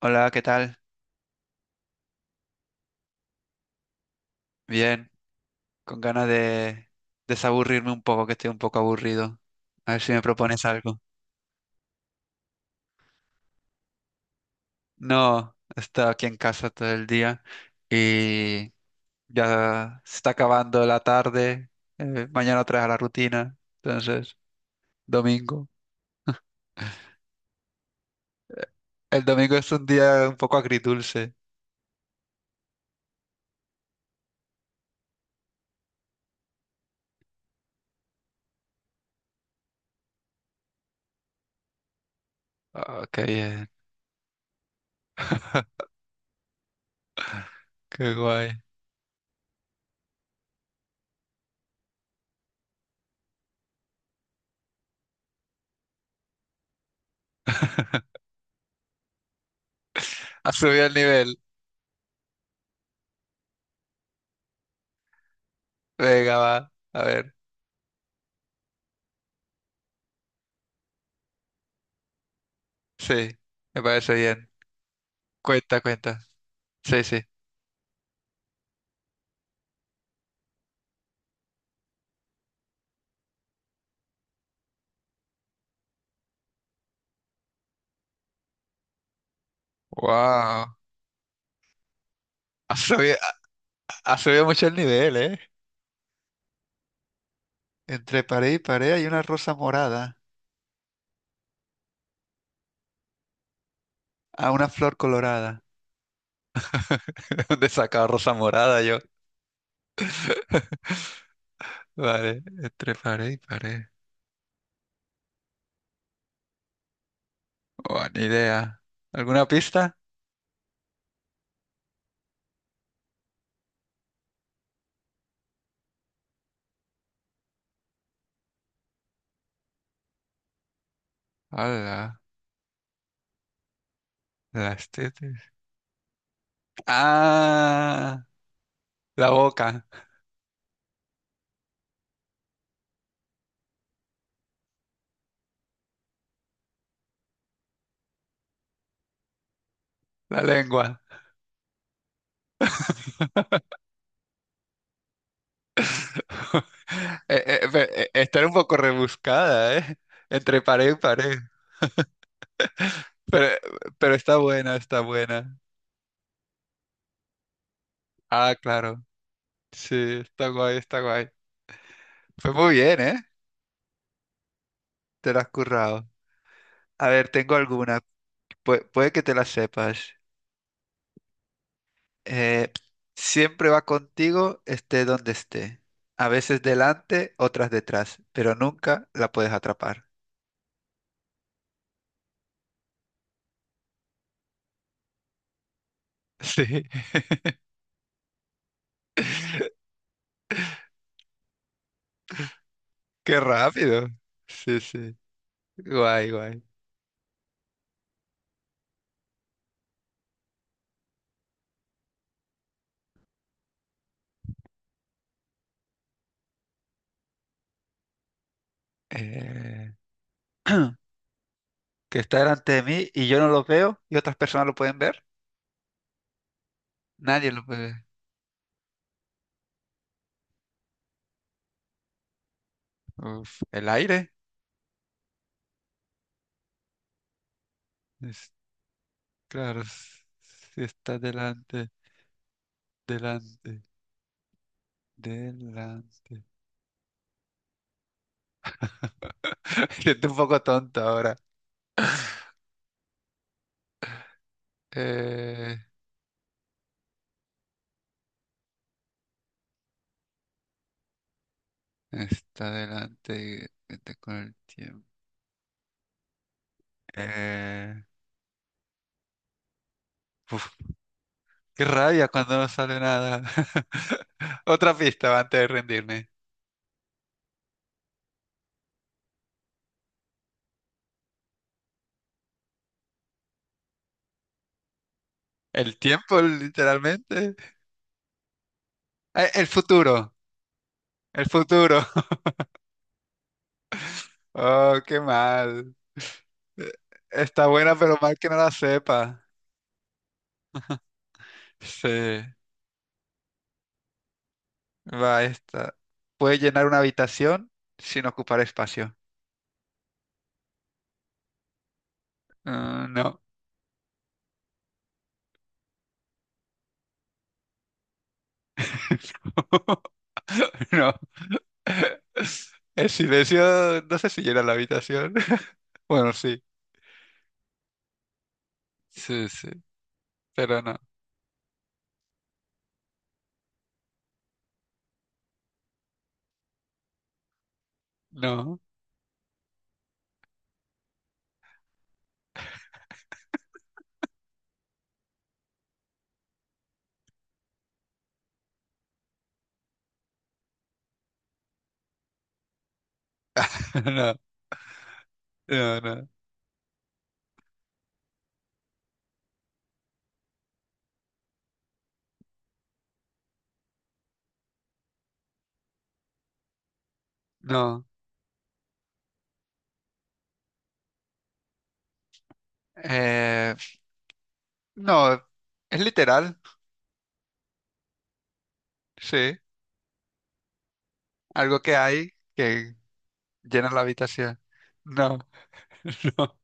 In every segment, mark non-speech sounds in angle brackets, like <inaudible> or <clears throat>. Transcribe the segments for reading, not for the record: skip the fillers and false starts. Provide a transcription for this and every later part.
Hola, ¿qué tal? Bien, con ganas de desaburrirme un poco, que estoy un poco aburrido. A ver si me propones algo. No, he estado aquí en casa todo el día y ya se está acabando la tarde. Mañana otra vez a la rutina. Entonces, domingo. El domingo es un día un poco agridulce. Ah, qué bien. <laughs> Qué guay. <laughs> Ha subido el nivel. Venga, va. A ver. Sí, me parece bien. Cuenta, cuenta. Sí, sí. Wow. Ha subido, ha subido mucho el nivel, ¿eh? Entre pared y pared hay una rosa morada. Ah, una flor colorada. <laughs> ¿De dónde sacaba rosa morada yo? <laughs> Vale, entre pared y pared. Buena ni idea. ¿Alguna pista? Hola, las tetas. Ah, la boca, la lengua. <laughs> Está un poco rebuscada, ¿eh? Entre pared y pared. Pero, pero está buena, está buena. Ah, claro. Sí, está guay, está guay. Fue muy bien, ¿eh? Te lo has currado. A ver, tengo alguna. Puede que te la sepas. Eh, Siempre va contigo, esté donde esté. A veces delante, otras detrás, pero nunca la puedes atrapar. Sí. <laughs> Qué rápido. Sí, sí. Guay, guay. Eh, <clears throat> que está delante de mí y yo no lo veo y otras personas lo pueden ver. Nadie lo puede ver. Uf, el aire. Es- claro, si está delante, delante. Delante. <laughs> Estoy un poco tonta ahora. Eh, Está delante y vete con el tiempo. Eh, uf, Qué rabia cuando no sale nada. <laughs> Otra pista antes de rendirme. El tiempo, literalmente. El futuro. El futuro. <laughs> Oh, qué mal. Eh, Está buena, pero mal que no la sepa. Sí, va esta. Puede llenar una habitación sin ocupar espacio. Ah, no. <laughs> <laughs> No. El silencio, no sé si llena la habitación. <laughs> Bueno, sí. Sí, sí. Pero no. No. <laughs> No. No, no. No. Eh, no. Es literal. Sí. Algo que hay que llena la habitación. No. <laughs> No.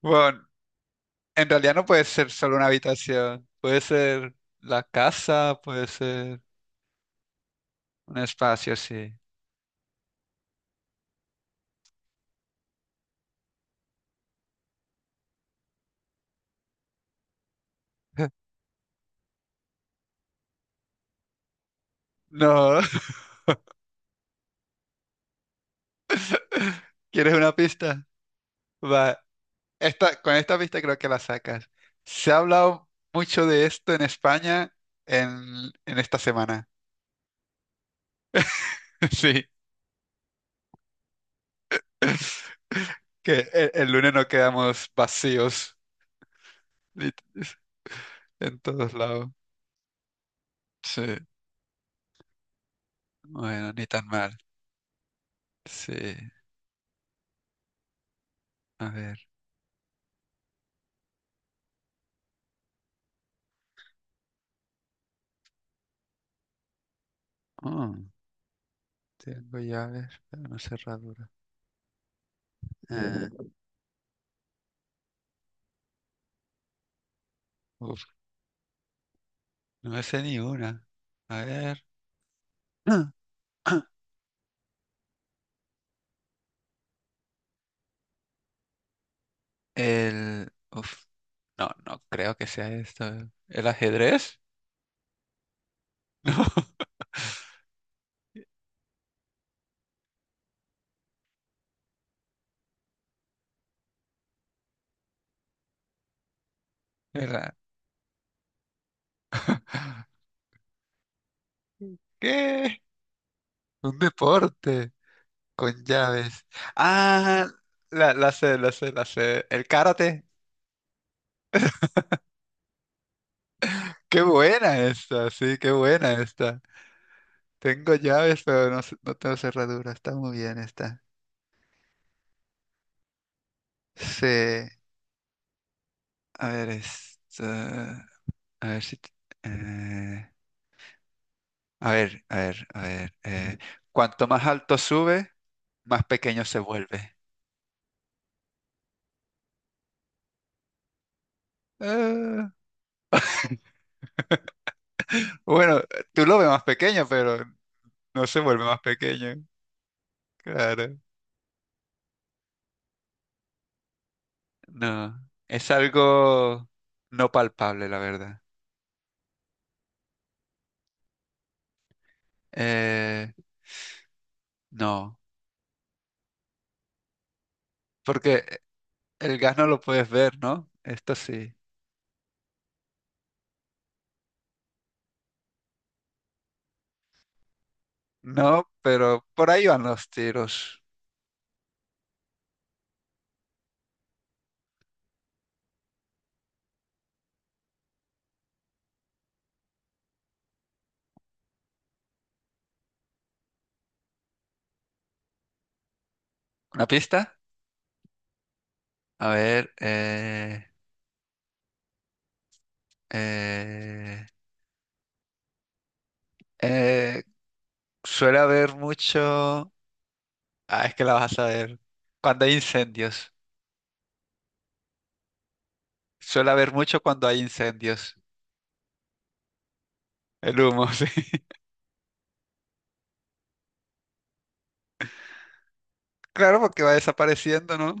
Bueno, en realidad no puede ser solo una habitación. Puede ser la casa, puede ser un espacio, sí. <laughs> No. <laughs> ¿Quieres una pista? Va. Esta, con esta pista creo que la sacas. Se ha hablado mucho de esto en España en esta semana. <laughs> Sí, que el lunes no quedamos vacíos lit- en todos lados. Sí, bueno, ni tan mal. Sí, a ver. Oh, tengo llaves, pero no cerradura. Eh, uf, no me sé ni una. A ver. <clears throat> El... No, no creo que sea esto. ¿El ajedrez? <laughs> No. El, ¿Qué? Un deporte con llaves. Ah, la sé. El karate. Qué buena esta, sí, qué buena esta. Tengo llaves, pero no, no tengo cerradura. Está muy bien esta. Sí. A ver, esta. A ver si. t- eh, a ver, a ver, a ver. Cuanto más alto sube, más pequeño se vuelve. Ah, bueno, tú lo ves más pequeño, pero no se vuelve más pequeño. Claro. No, es algo no palpable, la verdad. Eh, no, porque el gas no lo puedes ver, ¿no? Esto sí. No, pero por ahí van los tiros. ¿Una pista? A ver, eh, eh, suele haber mucho... Ah, es que la vas a ver. Cuando hay incendios. Suele haber mucho cuando hay incendios. El humo, <laughs> sí. Claro, porque va desapareciendo, ¿no?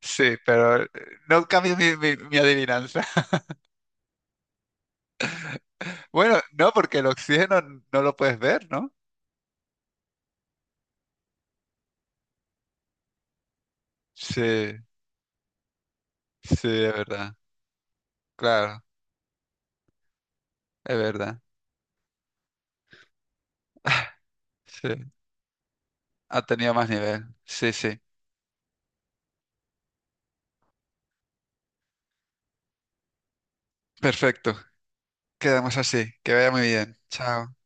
Sí, pero no cambio mi adivinanza. Bueno, no, porque el oxígeno no lo puedes ver, ¿no? Sí, sí, es verdad. Claro, es verdad. <laughs> Sí, ha tenido más nivel. Sí, sí. Perfecto. Quedamos así. Que vaya muy bien. Chao.